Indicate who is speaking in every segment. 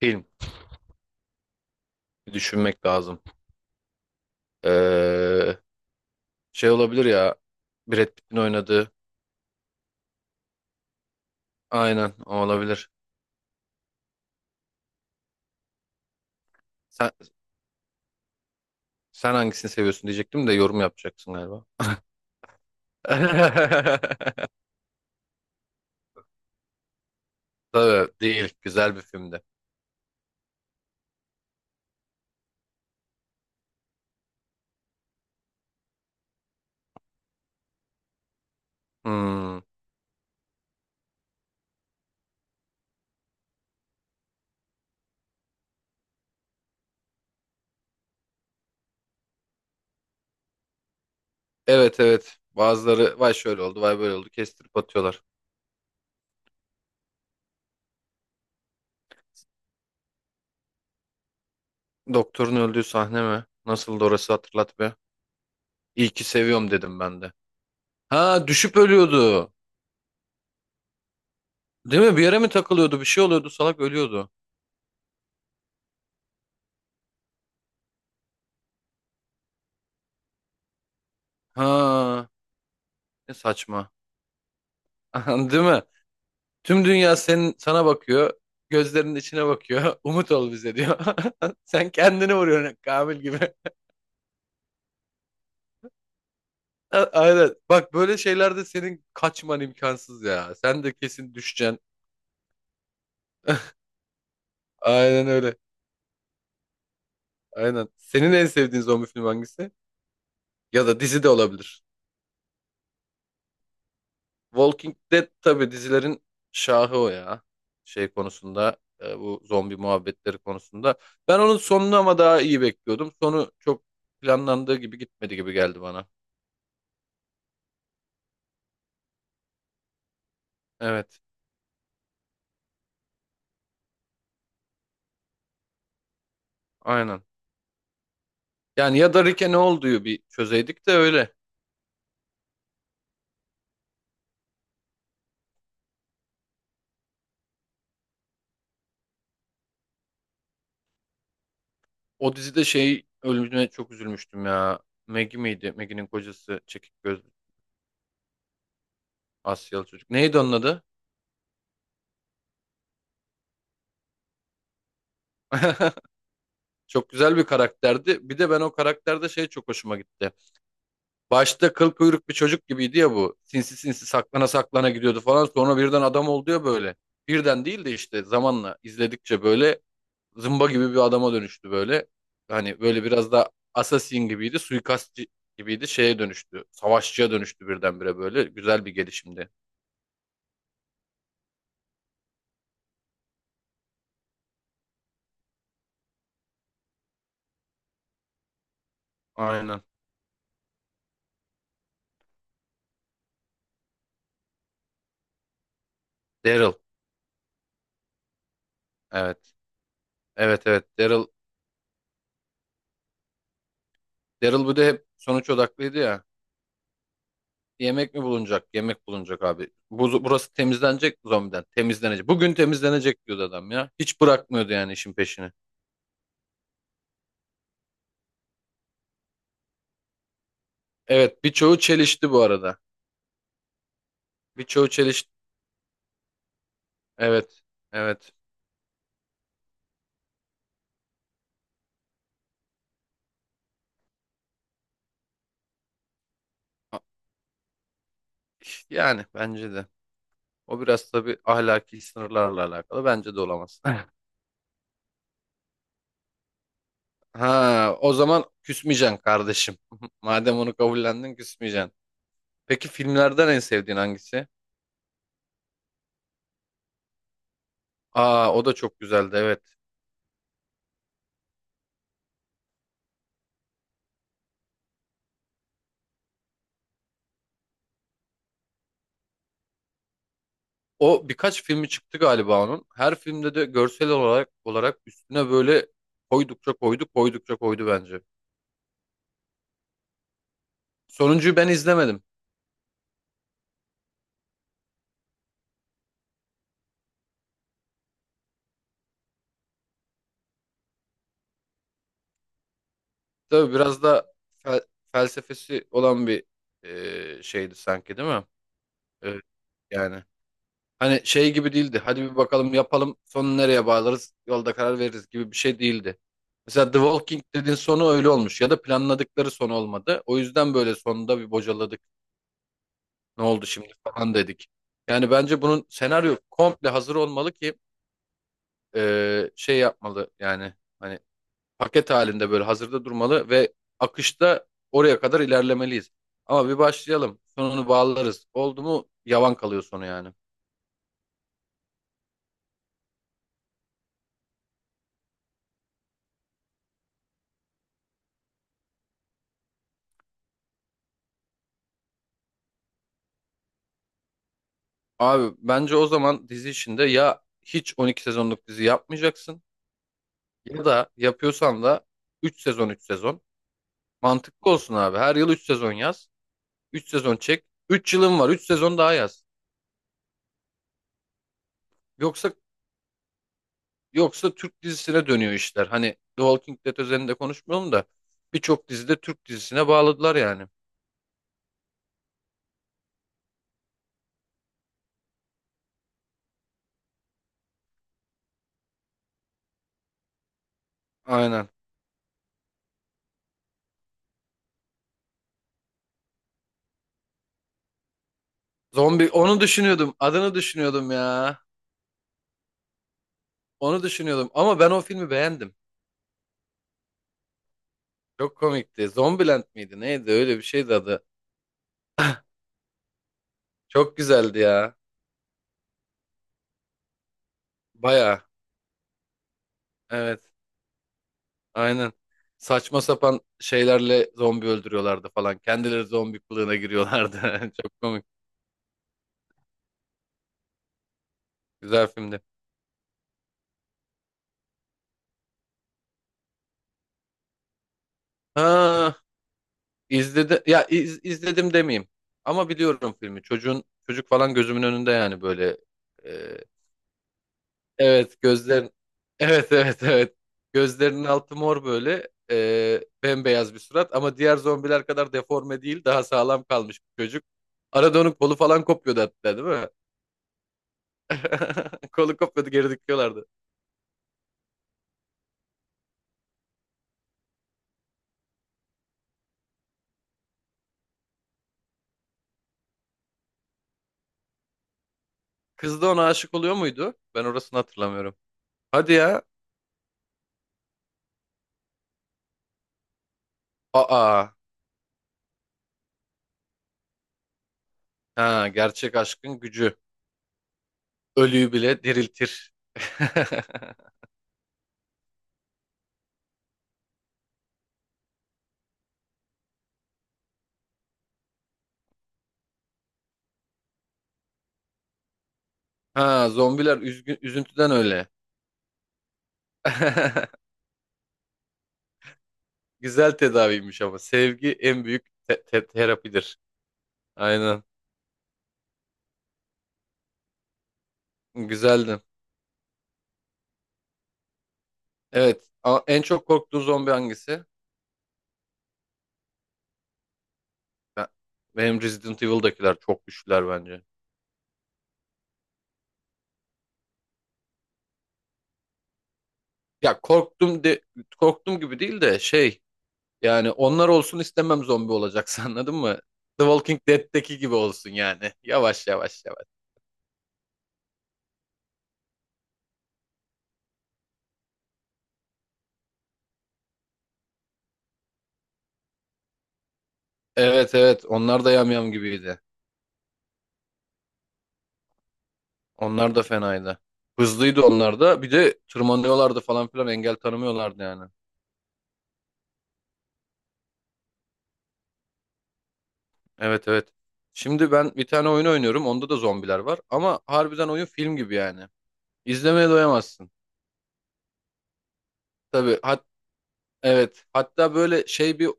Speaker 1: Film. Bir düşünmek lazım. Ee, şey olabilir ya. Brad Pitt'in oynadığı. Aynen o olabilir. Sen, sen hangisini seviyorsun diyecektim de yorum yapacaksın galiba. Tabii değil. Güzel bir filmdi. Hmm. Evet evet. Bazıları vay şöyle oldu vay böyle oldu kestirip atıyorlar. Doktorun öldüğü sahne mi? Nasıldı orası, hatırlat be. İyi ki seviyorum dedim ben de. Ha, düşüp ölüyordu. Değil mi? Bir yere mi takılıyordu? Bir şey oluyordu. Salak ölüyordu. Ha, ne saçma. Değil mi? Tüm dünya senin, sana bakıyor. Gözlerinin içine bakıyor. Umut ol bize diyor. Sen kendini vuruyorsun Kamil gibi. Aynen. Bak, böyle şeylerde senin kaçman imkansız ya. Sen de kesin düşeceksin. Aynen öyle. Aynen. Senin en sevdiğin zombi filmi hangisi? Ya da dizi de olabilir. Walking Dead tabii dizilerin şahı o ya. Şey konusunda, bu zombi muhabbetleri konusunda. Ben onun sonunu ama daha iyi bekliyordum. Sonu çok planlandığı gibi gitmedi gibi geldi bana. Evet, aynen. Yani ya da Rick'e ne olduğu bir çözeydik de öyle. O dizide şey ölümüne çok üzülmüştüm ya. Maggie miydi? Maggie'nin kocası, çekik gözlü Asyalı çocuk. Neydi onun adı? Çok güzel bir karakterdi. Bir de ben o karakterde şey çok hoşuma gitti. Başta kıl kuyruk bir çocuk gibiydi ya bu. Sinsi sinsi saklana saklana gidiyordu falan. Sonra birden adam oldu ya böyle. Birden değil de işte zamanla izledikçe böyle zımba gibi bir adama dönüştü böyle. Hani böyle biraz da assassin gibiydi, suikastçı gibiydi, şeye dönüştü. Savaşçıya dönüştü birdenbire böyle. Güzel bir gelişimdi. Aynen. Daryl. Evet. Evet evet. Daryl. Daryl bu da hep sonuç odaklıydı ya. Yemek mi bulunacak? Yemek bulunacak abi. Bu, burası temizlenecek mi zombiden? Temizlenecek. Bugün temizlenecek diyordu adam ya. Hiç bırakmıyordu yani işin peşini. Evet, birçoğu çelişti bu arada. Birçoğu çelişti. Evet. Evet. Yani bence de. O biraz tabii ahlaki sınırlarla alakalı. Bence de olamaz. Ha, o zaman küsmeyeceksin kardeşim. Madem onu kabullendin, küsmeyeceksin. Peki, filmlerden en sevdiğin hangisi? Aa, o da çok güzeldi, evet. O birkaç filmi çıktı galiba onun. Her filmde de görsel olarak üstüne böyle koydukça koydu, koydukça koydu bence. Sonuncuyu ben izlemedim. Tabii biraz da felsefesi olan bir şeydi sanki, değil mi? Evet, yani. Hani şey gibi değildi. Hadi bir bakalım yapalım, sonu nereye bağlarız yolda karar veririz gibi bir şey değildi. Mesela The Walking Dead'in sonu öyle olmuş, ya da planladıkları son olmadı. O yüzden böyle sonunda bir bocaladık. Ne oldu şimdi falan dedik. Yani bence bunun senaryo komple hazır olmalı ki şey yapmalı, yani hani paket halinde böyle hazırda durmalı ve akışta oraya kadar ilerlemeliyiz. Ama bir başlayalım sonunu bağlarız, oldu mu yavan kalıyor sonu yani. Abi bence o zaman dizi içinde ya hiç 12 sezonluk dizi yapmayacaksın, ya da yapıyorsan da 3 sezon 3 sezon. Mantıklı olsun abi. Her yıl 3 sezon yaz. Üç sezon çek. Üç yılın var. Üç sezon daha yaz. Yoksa yoksa Türk dizisine dönüyor işler. Hani The Walking Dead özelinde konuşmuyorum da, birçok dizide Türk dizisine bağladılar yani. Aynen. Zombi, onu düşünüyordum. Adını düşünüyordum ya. Onu düşünüyordum ama ben o filmi beğendim. Çok komikti. Zombieland miydi? Neydi? Öyle bir şeydi adı. Çok güzeldi ya. Baya. Evet. Aynen. Saçma sapan şeylerle zombi öldürüyorlardı falan. Kendileri zombi kılığına giriyorlardı. Çok komik. Güzel filmdi. Ha, izledi ya, izledim demeyeyim. Ama biliyorum filmi. Çocuğun, çocuk falan gözümün önünde yani böyle. e, evet, gözlerin. Evet evet evet. Gözlerinin altı mor böyle. Bembeyaz bir surat ama diğer zombiler kadar deforme değil. Daha sağlam kalmış bir çocuk. Arada onun kolu falan kopuyordu hatta, değil mi? Kolu kopuyordu, geri dikiyorlardı. Kız da ona aşık oluyor muydu? Ben orasını hatırlamıyorum. Hadi ya. Aa. Ha, gerçek aşkın gücü. Ölüyü bile diriltir. Ha, zombiler üzgün, üzüntüden öyle. Güzel tedaviymiş ama. Sevgi en büyük terapidir. Aynen. Güzeldi. Evet. En çok korktuğun zombi hangisi? Ben- benim Resident Evil'dakiler çok güçlüler bence. Ya, korktum de korktum gibi değil de şey. Yani onlar olsun istemem, zombi olacaksa. Anladın mı? The Walking Dead'teki gibi olsun yani. Yavaş yavaş yavaş. Evet evet, onlar da yamyam gibiydi. Onlar da fenaydı. Hızlıydı onlar da. Bir de tırmanıyorlardı falan filan, engel tanımıyorlardı yani. Evet evet. Şimdi ben bir tane oyun oynuyorum. Onda da zombiler var. Ama harbiden oyun film gibi yani. İzlemeye doyamazsın. Tabii, evet. Hatta böyle şey bir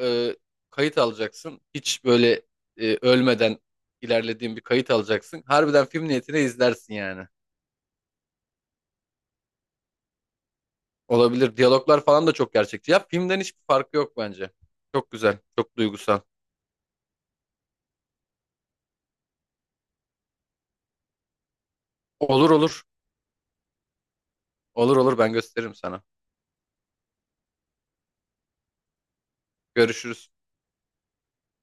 Speaker 1: e, kayıt alacaksın. Hiç böyle ölmeden ilerlediğin bir kayıt alacaksın. Harbiden film niyetine izlersin yani. Olabilir. Diyaloglar falan da çok gerçekçi. Ya filmden hiçbir farkı yok bence. Çok güzel, çok duygusal. Olur olur. Olur olur, ben gösteririm sana. Görüşürüz.